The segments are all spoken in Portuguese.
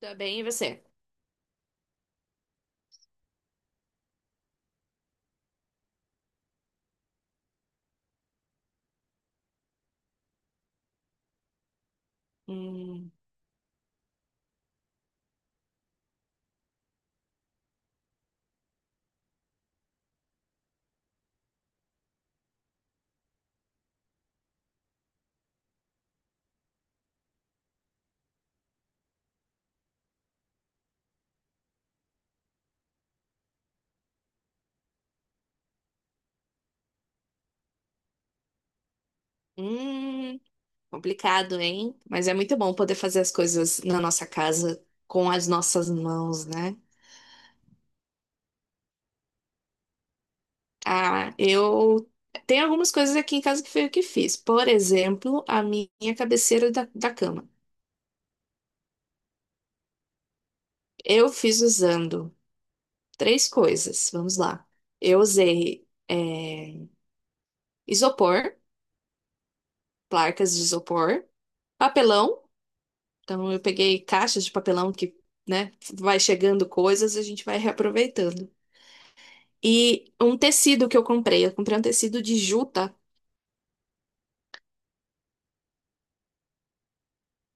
Tá bem, e você? Hum, hum, complicado, hein? Mas é muito bom poder fazer as coisas na nossa casa com as nossas mãos, né? Ah, eu tem algumas coisas aqui em casa que foi eu que fiz. Por exemplo, a minha cabeceira da cama. Eu fiz usando três coisas. Vamos lá. Eu usei isopor, placas de isopor, papelão. Então eu peguei caixas de papelão que, né, vai chegando coisas, a gente vai reaproveitando. E um tecido que eu comprei. Eu comprei um tecido de juta.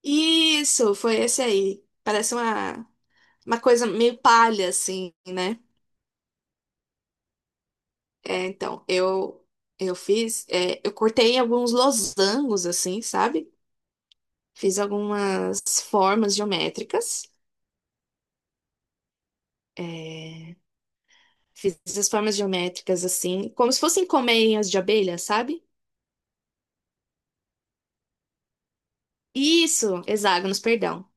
Isso, foi esse aí. Parece uma coisa meio palha, assim, né? É, então, eu fiz. Eu cortei alguns losangos, assim, sabe? Fiz algumas formas geométricas. é, Fiz as formas geométricas, assim, como se fossem colmeias de abelha, sabe? Isso, hexágonos, perdão.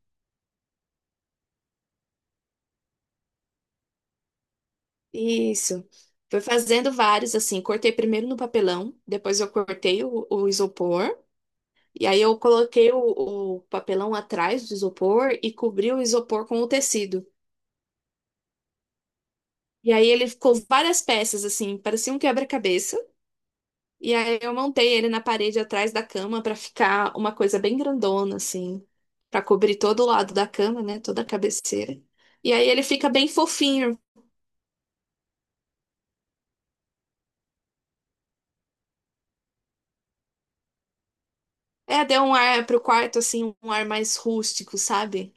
Isso. Fui fazendo vários, assim. Cortei primeiro no papelão, depois eu cortei o isopor, e aí eu coloquei o papelão atrás do isopor e cobri o isopor com o tecido. E aí ele ficou várias peças, assim, parecia um quebra-cabeça. E aí eu montei ele na parede atrás da cama para ficar uma coisa bem grandona, assim, para cobrir todo o lado da cama, né? Toda a cabeceira. E aí ele fica bem fofinho. É, deu um ar pro quarto, assim, um ar mais rústico, sabe?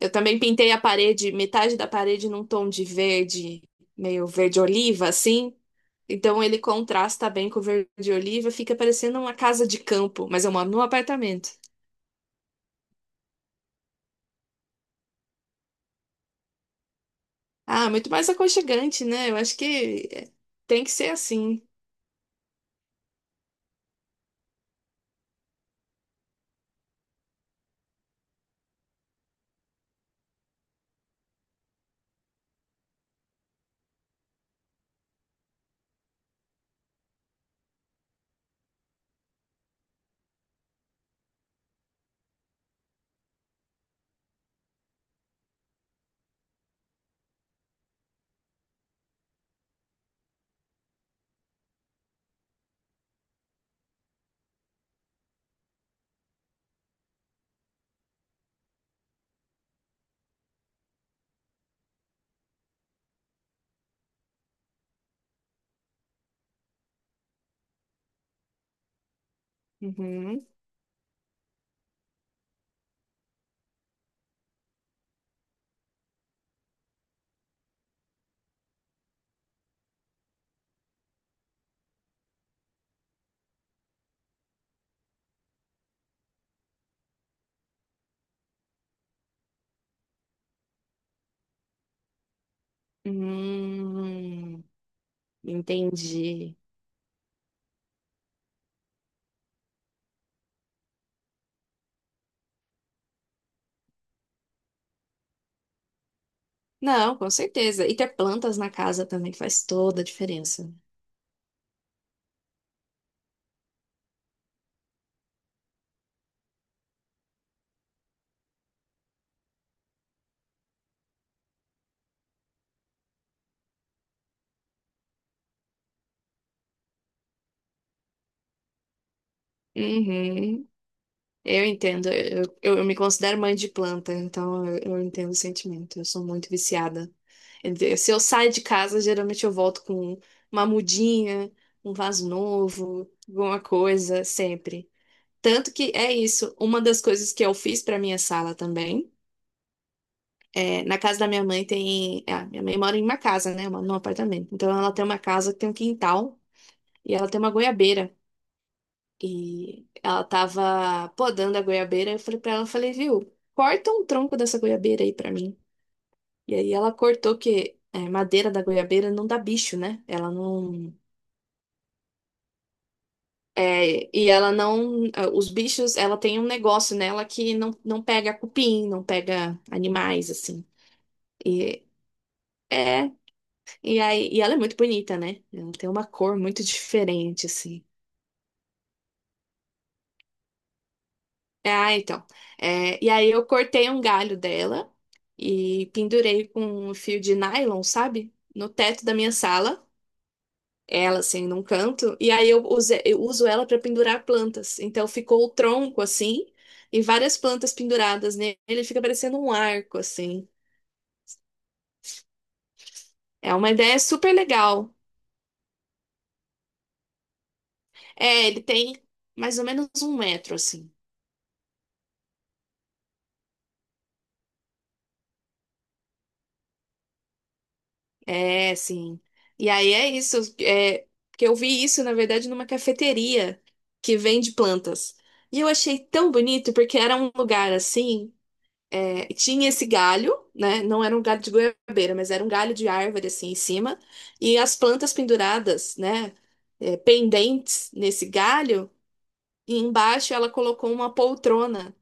Eu também pintei a parede, metade da parede num tom de verde, meio verde oliva, assim. Então ele contrasta bem com o verde oliva, fica parecendo uma casa de campo, mas eu moro num apartamento. Ah, muito mais aconchegante, né? Eu acho que é, tem que ser assim. Uhum. Hum, entendi. Não, com certeza. E ter plantas na casa também faz toda a diferença. Uhum. Eu entendo, eu me considero mãe de planta, então eu entendo o sentimento, eu sou muito viciada. Quer dizer, se eu saio de casa, geralmente eu volto com uma mudinha, um vaso novo, alguma coisa, sempre. Tanto que é isso, uma das coisas que eu fiz para minha sala também, é, na casa da minha mãe tem, ah, minha mãe mora em uma casa, né, uma- num apartamento, então ela tem uma casa que tem um quintal e ela tem uma goiabeira. E ela tava podando a goiabeira. Eu falei pra ela, eu falei, viu, corta um tronco dessa goiabeira aí pra mim. E aí ela cortou que é, madeira da goiabeira não dá bicho, né? Ela não. É, e ela não. Ah, os bichos, ela tem um negócio nela que não pega cupim, não pega animais, assim. E é. E aí, e ela é muito bonita, né? Ela tem uma cor muito diferente, assim. Ah, então. É, e aí eu cortei um galho dela e pendurei com um fio de nylon, sabe? No teto da minha sala. Ela, assim, num canto. E aí eu, use- eu uso ela para pendurar plantas. Então ficou o tronco, assim, e várias plantas penduradas nele. Ele fica parecendo um arco, assim. É uma ideia super legal. É, ele tem mais ou menos 1 metro, assim. É, sim. E aí é isso, é, que eu vi isso, na verdade, numa cafeteria que vende plantas. E eu achei tão bonito, porque era um lugar assim, é, tinha esse galho, né? Não era um galho de goiabeira, mas era um galho de árvore assim em cima, e as plantas penduradas, né? É, pendentes nesse galho, e embaixo ela colocou uma poltrona.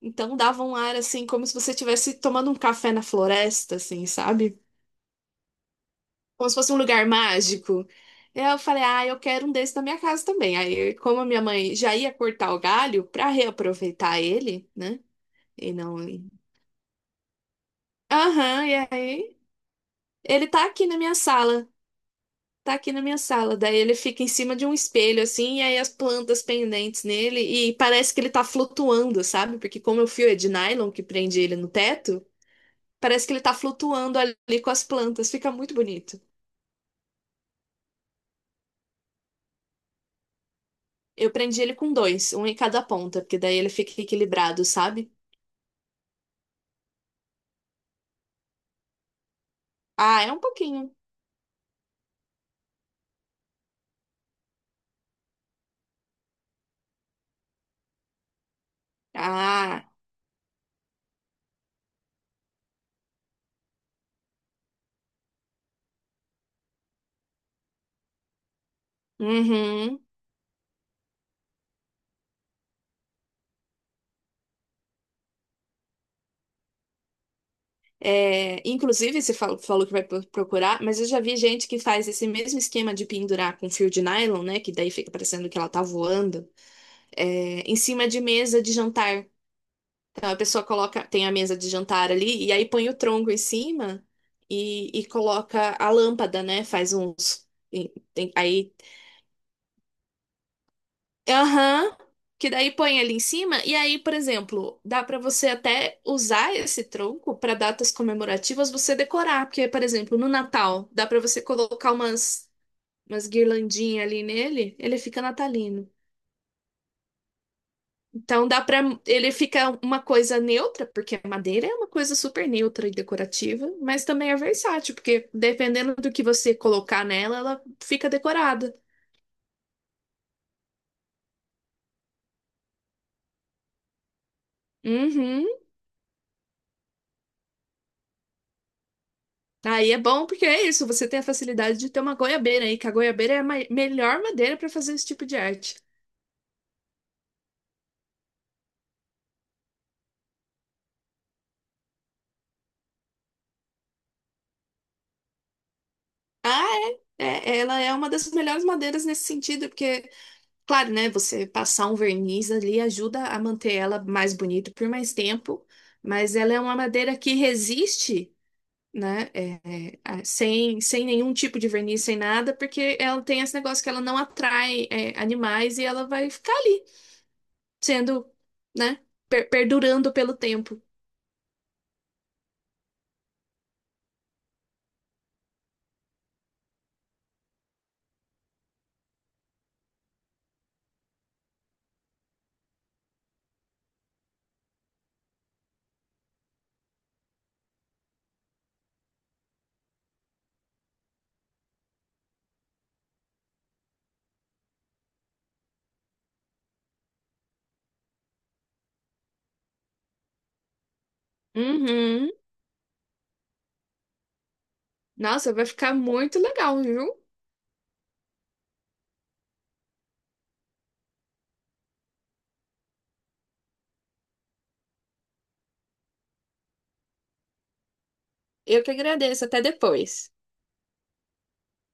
Então dava um ar assim, como se você estivesse tomando um café na floresta, assim, sabe? Como se fosse um lugar mágico. Eu falei, ah, eu quero um desse na minha casa também. Aí, como a minha mãe já ia cortar o galho para reaproveitar ele, né? E não. Aham, e aí ele tá aqui na minha sala. Tá aqui na minha sala. Daí ele fica em cima de um espelho, assim, e aí as plantas pendentes nele. E parece que ele tá flutuando, sabe? Porque como é o fio é de nylon que prende ele no teto, parece que ele tá flutuando ali com as plantas. Fica muito bonito. Eu prendi ele com dois, um em cada ponta, porque daí ele fica equilibrado, sabe? Ah, é um pouquinho. Ah, uhum. É, inclusive, você fal- falou que vai pro- procurar, mas eu já vi gente que faz esse mesmo esquema de pendurar com fio de nylon, né? Que daí fica parecendo que ela tá voando, é, em cima de mesa de jantar. Então a pessoa coloca, tem a mesa de jantar ali, e aí põe o tronco em cima e coloca a lâmpada, né? Faz uns. E tem- aí aham. Que daí põe ali em cima, e aí, por exemplo, dá pra você até usar esse tronco pra datas comemorativas você decorar, porque, por exemplo, no Natal, dá pra você colocar umas umas guirlandinhas ali nele, ele fica natalino. Então dá pra. Ele fica uma coisa neutra, porque a madeira é uma coisa super neutra e decorativa, mas também é versátil, porque dependendo do que você colocar nela, ela fica decorada. Uhum. Aí é bom porque é isso, você tem a facilidade de ter uma goiabeira aí, que a goiabeira é a ma- melhor madeira para fazer esse tipo de arte. Ah, ela é uma das melhores madeiras nesse sentido, porque, claro, né, você passar um verniz ali ajuda a manter ela mais bonita por mais tempo, mas ela é uma madeira que resiste, né, a- sem nenhum tipo de verniz, sem nada, porque ela tem esse negócio que ela não atrai, é, animais e ela vai ficar ali, sendo, né, per- perdurando pelo tempo. Uhum. Nossa, vai ficar muito legal, viu? Eu que agradeço. Até depois.